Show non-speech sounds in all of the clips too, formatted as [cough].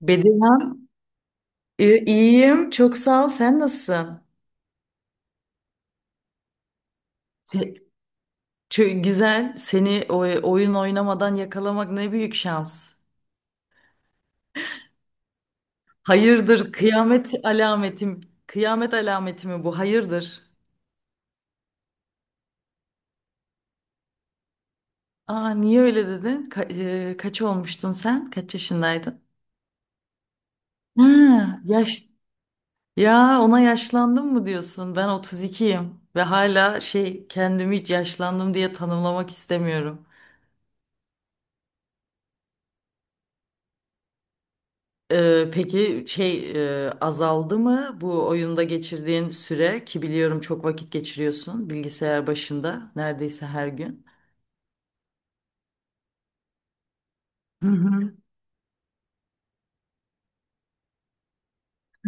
Bedirhan, iyiyim. Çok sağ ol. Sen nasılsın? Se- Güzel. Seni oyun oynamadan yakalamak ne büyük şans. Hayırdır, kıyamet alametim. Kıyamet alameti mi bu? Hayırdır. Aa, niye öyle dedin? Kaç olmuştun sen? Kaç yaşındaydın? Ha, yaş. Ya ona yaşlandım mı diyorsun? Ben 32'yim ve hala şey kendimi hiç yaşlandım diye tanımlamak istemiyorum. Peki azaldı mı bu oyunda geçirdiğin süre ki biliyorum çok vakit geçiriyorsun bilgisayar başında neredeyse her gün. Hı hı.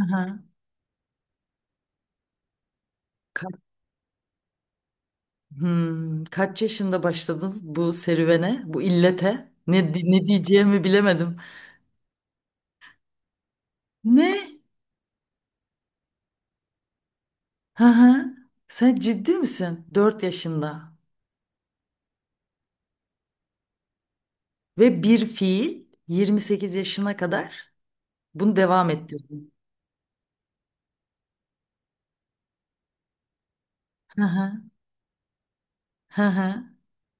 Aha. Ka- Kaç yaşında başladınız bu serüvene, bu illete? Ne diyeceğimi bilemedim. Ne? Hı hı. Sen ciddi misin? 4 yaşında ve bir fiil 28 yaşına kadar bunu devam ettirdin. Hı hı. Hı hı.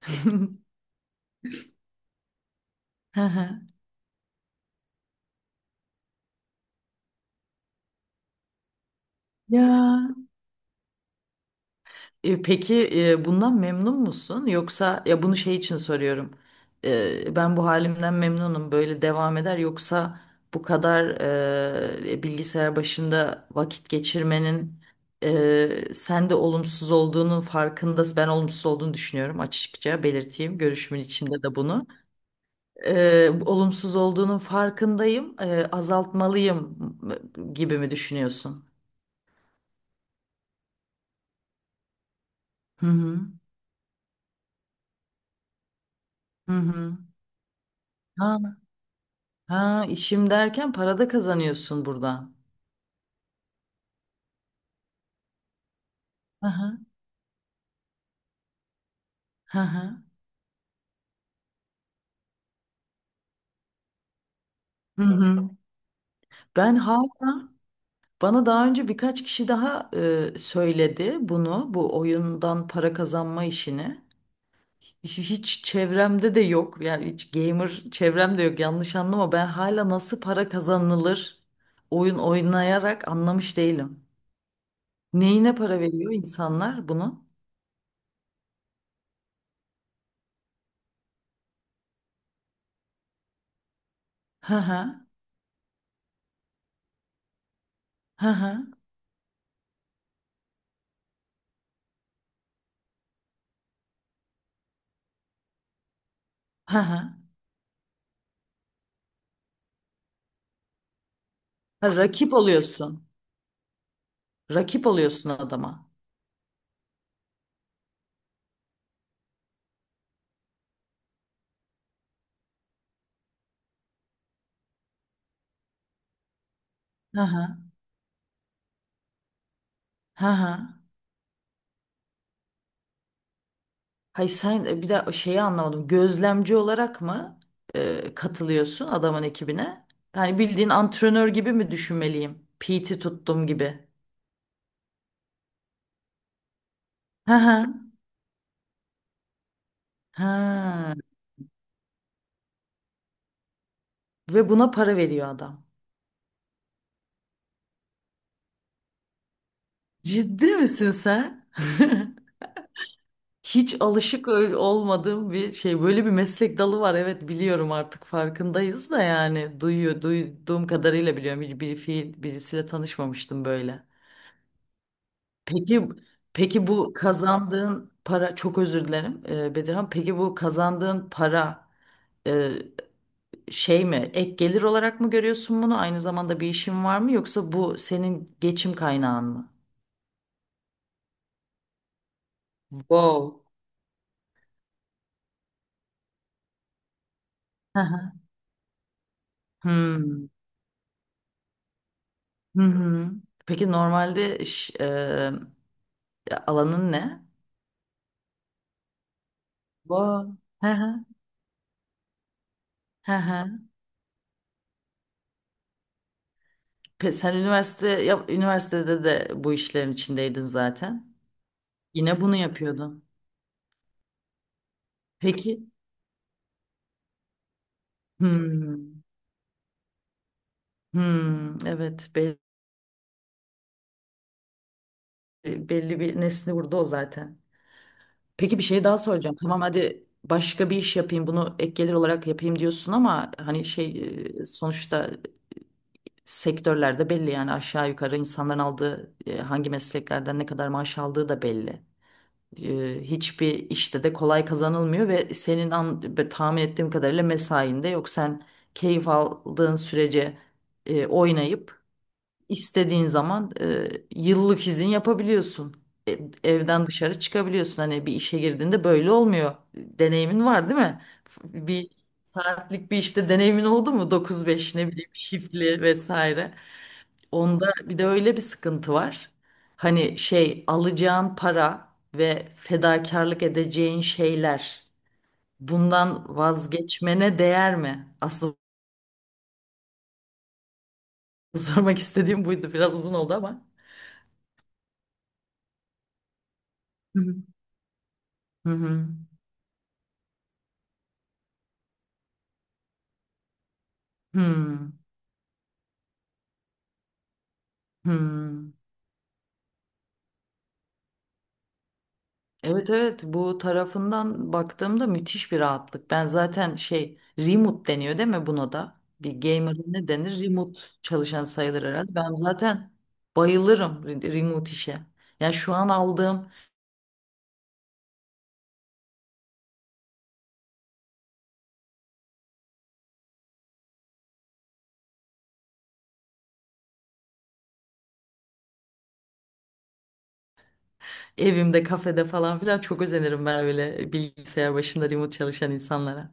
[laughs] Hı hı. Ya E, peki, bundan memnun musun? Yoksa ya bunu şey için soruyorum. E, ben bu halimden memnunum. Böyle devam eder. Yoksa bu kadar bilgisayar başında vakit geçirmenin sende olumsuz olduğunun farkında. Ben olumsuz olduğunu düşünüyorum, açıkça belirteyim. Görüşümün içinde de bunu. E, olumsuz olduğunun farkındayım. E, azaltmalıyım gibi mi düşünüyorsun? Hı hı. Hı hı. Ha, işim derken para da kazanıyorsun buradan. Hı hı. Hı hı. Hı hı. Ben hala, bana daha önce birkaç kişi daha söyledi bunu, bu oyundan para kazanma işini. Hiç, hiç çevremde de yok, yani hiç gamer çevremde yok, yanlış anlama, ben hala nasıl para kazanılır oyun oynayarak anlamış değilim. Neyine para veriyor insanlar bunu? Hı hı. Hı hı. Hı hı. Ha, rakip oluyorsun. Rakip oluyorsun adama. Hı hı. Hı hı. Hayır sen, bir daha şeyi anlamadım. Gözlemci olarak mı katılıyorsun adamın ekibine? Yani bildiğin antrenör gibi mi düşünmeliyim? PT tuttum gibi. Hı hı. Ha. Ve buna para veriyor adam. Ciddi misin sen? Hiç alışık olmadığım bir şey. Böyle bir meslek dalı var. Evet biliyorum, artık farkındayız da yani duyuyor, duyduğum kadarıyla biliyorum. Hiç bir fiil, birisiyle tanışmamıştım böyle. Peki peki bu kazandığın para, çok özür dilerim Bedirhan. Peki bu kazandığın para e, şey mi ek gelir olarak mı görüyorsun bunu? Aynı zamanda bir işin var mı, yoksa bu senin geçim kaynağın mı? Wow. Hı hı. Hmm. Hı hı. Peki normalde alanın ne? Wow. Hı hı. Hı hı. Sen üniversitede de bu işlerin içindeydin zaten. Yine bunu yapıyordun. Peki. Hmm. Hmm, evet belli, Belli bir nesli vurdu o zaten. Peki bir şey daha soracağım. Tamam, hadi başka bir iş yapayım, bunu ek gelir olarak yapayım diyorsun ama hani sonuçta sektörlerde belli yani aşağı yukarı insanların aldığı, hangi mesleklerden ne kadar maaş aldığı da belli. E, hiçbir işte de kolay kazanılmıyor ve senin tahmin ettiğim kadarıyla mesain de yok. Sen keyif aldığın sürece oynayıp İstediğin zaman yıllık izin yapabiliyorsun. E, evden dışarı çıkabiliyorsun. Hani bir işe girdiğinde böyle olmuyor. Deneyimin var değil mi? Bir saatlik bir işte deneyimin oldu mu? 9-5, ne bileyim, shiftli vesaire. Onda bir de öyle bir sıkıntı var. Hani şey, alacağın para ve fedakarlık edeceğin şeyler, bundan vazgeçmene değer mi? Asıl [laughs] sormak istediğim buydu. Biraz uzun oldu ama. Hı hı. Hı hı. Hmm, hmm. Evet, evet, bu tarafından baktığımda müthiş bir rahatlık. Ben zaten şey, remote deniyor değil mi buna da? Bir gamer ne denir? Remote çalışan sayılır herhalde. Ben zaten bayılırım remote işe. Yani şu an aldığım evimde, kafede falan filan, çok özenirim ben öyle bilgisayar başında remote çalışan insanlara.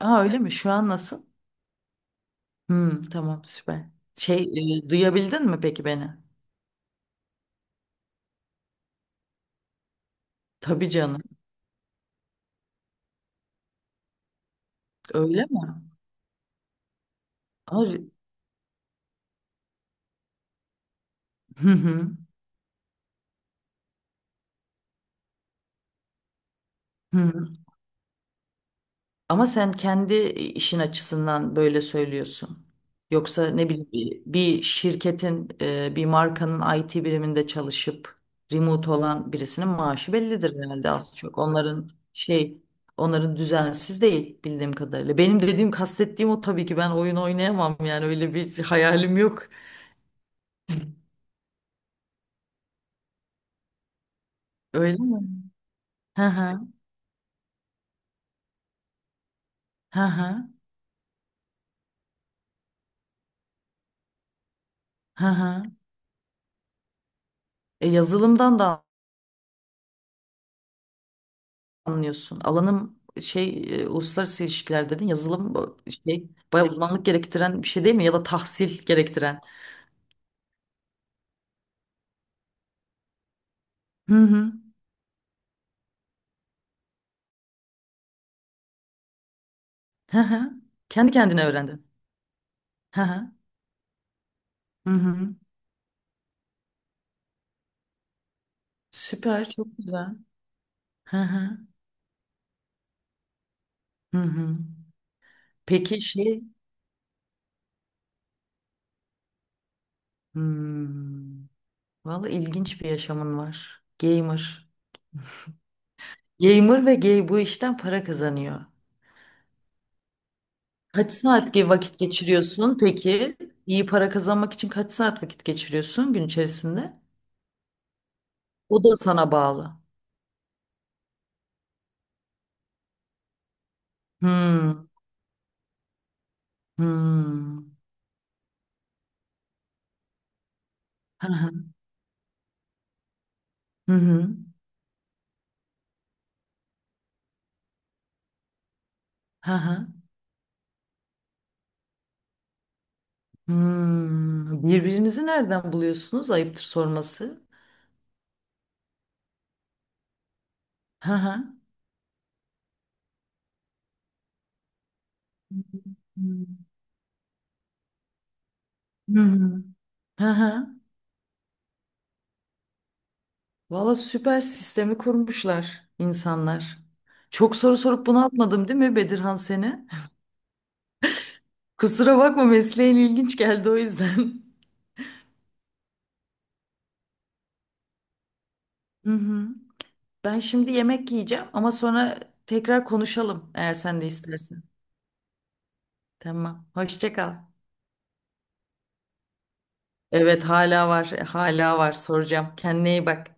Aa öyle mi? Şu an nasıl? Hmm, tamam, süper. Şey Duyabildin mi peki beni? Tabii canım. Öyle mi? Aa, re- Hı hı. Hı. Ama sen kendi işin açısından böyle söylüyorsun. Yoksa ne bileyim bir şirketin, bir markanın IT biriminde çalışıp remote olan birisinin maaşı bellidir herhalde az çok. Onların şey, onların düzensiz değil bildiğim kadarıyla. Benim dediğim, kastettiğim o, tabii ki ben oyun oynayamam yani, öyle bir hayalim yok. Öyle mi? Hı hı. Hı hı. Hı hı. E, yazılımdan da anlıyorsun. Alanım şey, uluslararası ilişkiler dedin. Yazılım, bu şey bayağı uzmanlık gerektiren bir şey değil mi? Ya da tahsil gerektiren. Hı hı. Hı hı. Kendi kendine öğrendin. Hı hı. Hı hı. Süper, çok güzel. Hı hı. Hı hı. Peki şey, hmm, vallahi ilginç bir yaşamın var. Gamer. Gamer ve gay bu işten para kazanıyor. Kaç saat gibi vakit geçiriyorsun peki? İyi para kazanmak için kaç saat vakit geçiriyorsun gün içerisinde? O da sana bağlı. Hmm. Hmm. Hı hı. Hı hı. Hı hı. Hmm. Birbirinizi nereden buluyorsunuz? Ayıptır sorması. Hı hı. Hı hı. Hı hı. Valla süper, sistemi kurmuşlar insanlar. Çok soru sorup bunaltmadım değil mi Bedirhan seni? [laughs] Kusura bakma, mesleğin ilginç geldi o yüzden. Hı hı. Ben şimdi yemek yiyeceğim ama sonra tekrar konuşalım eğer sen de istersen. Tamam. Hoşça kal. Evet, hala var. Hala var. Soracağım. Kendine iyi bak.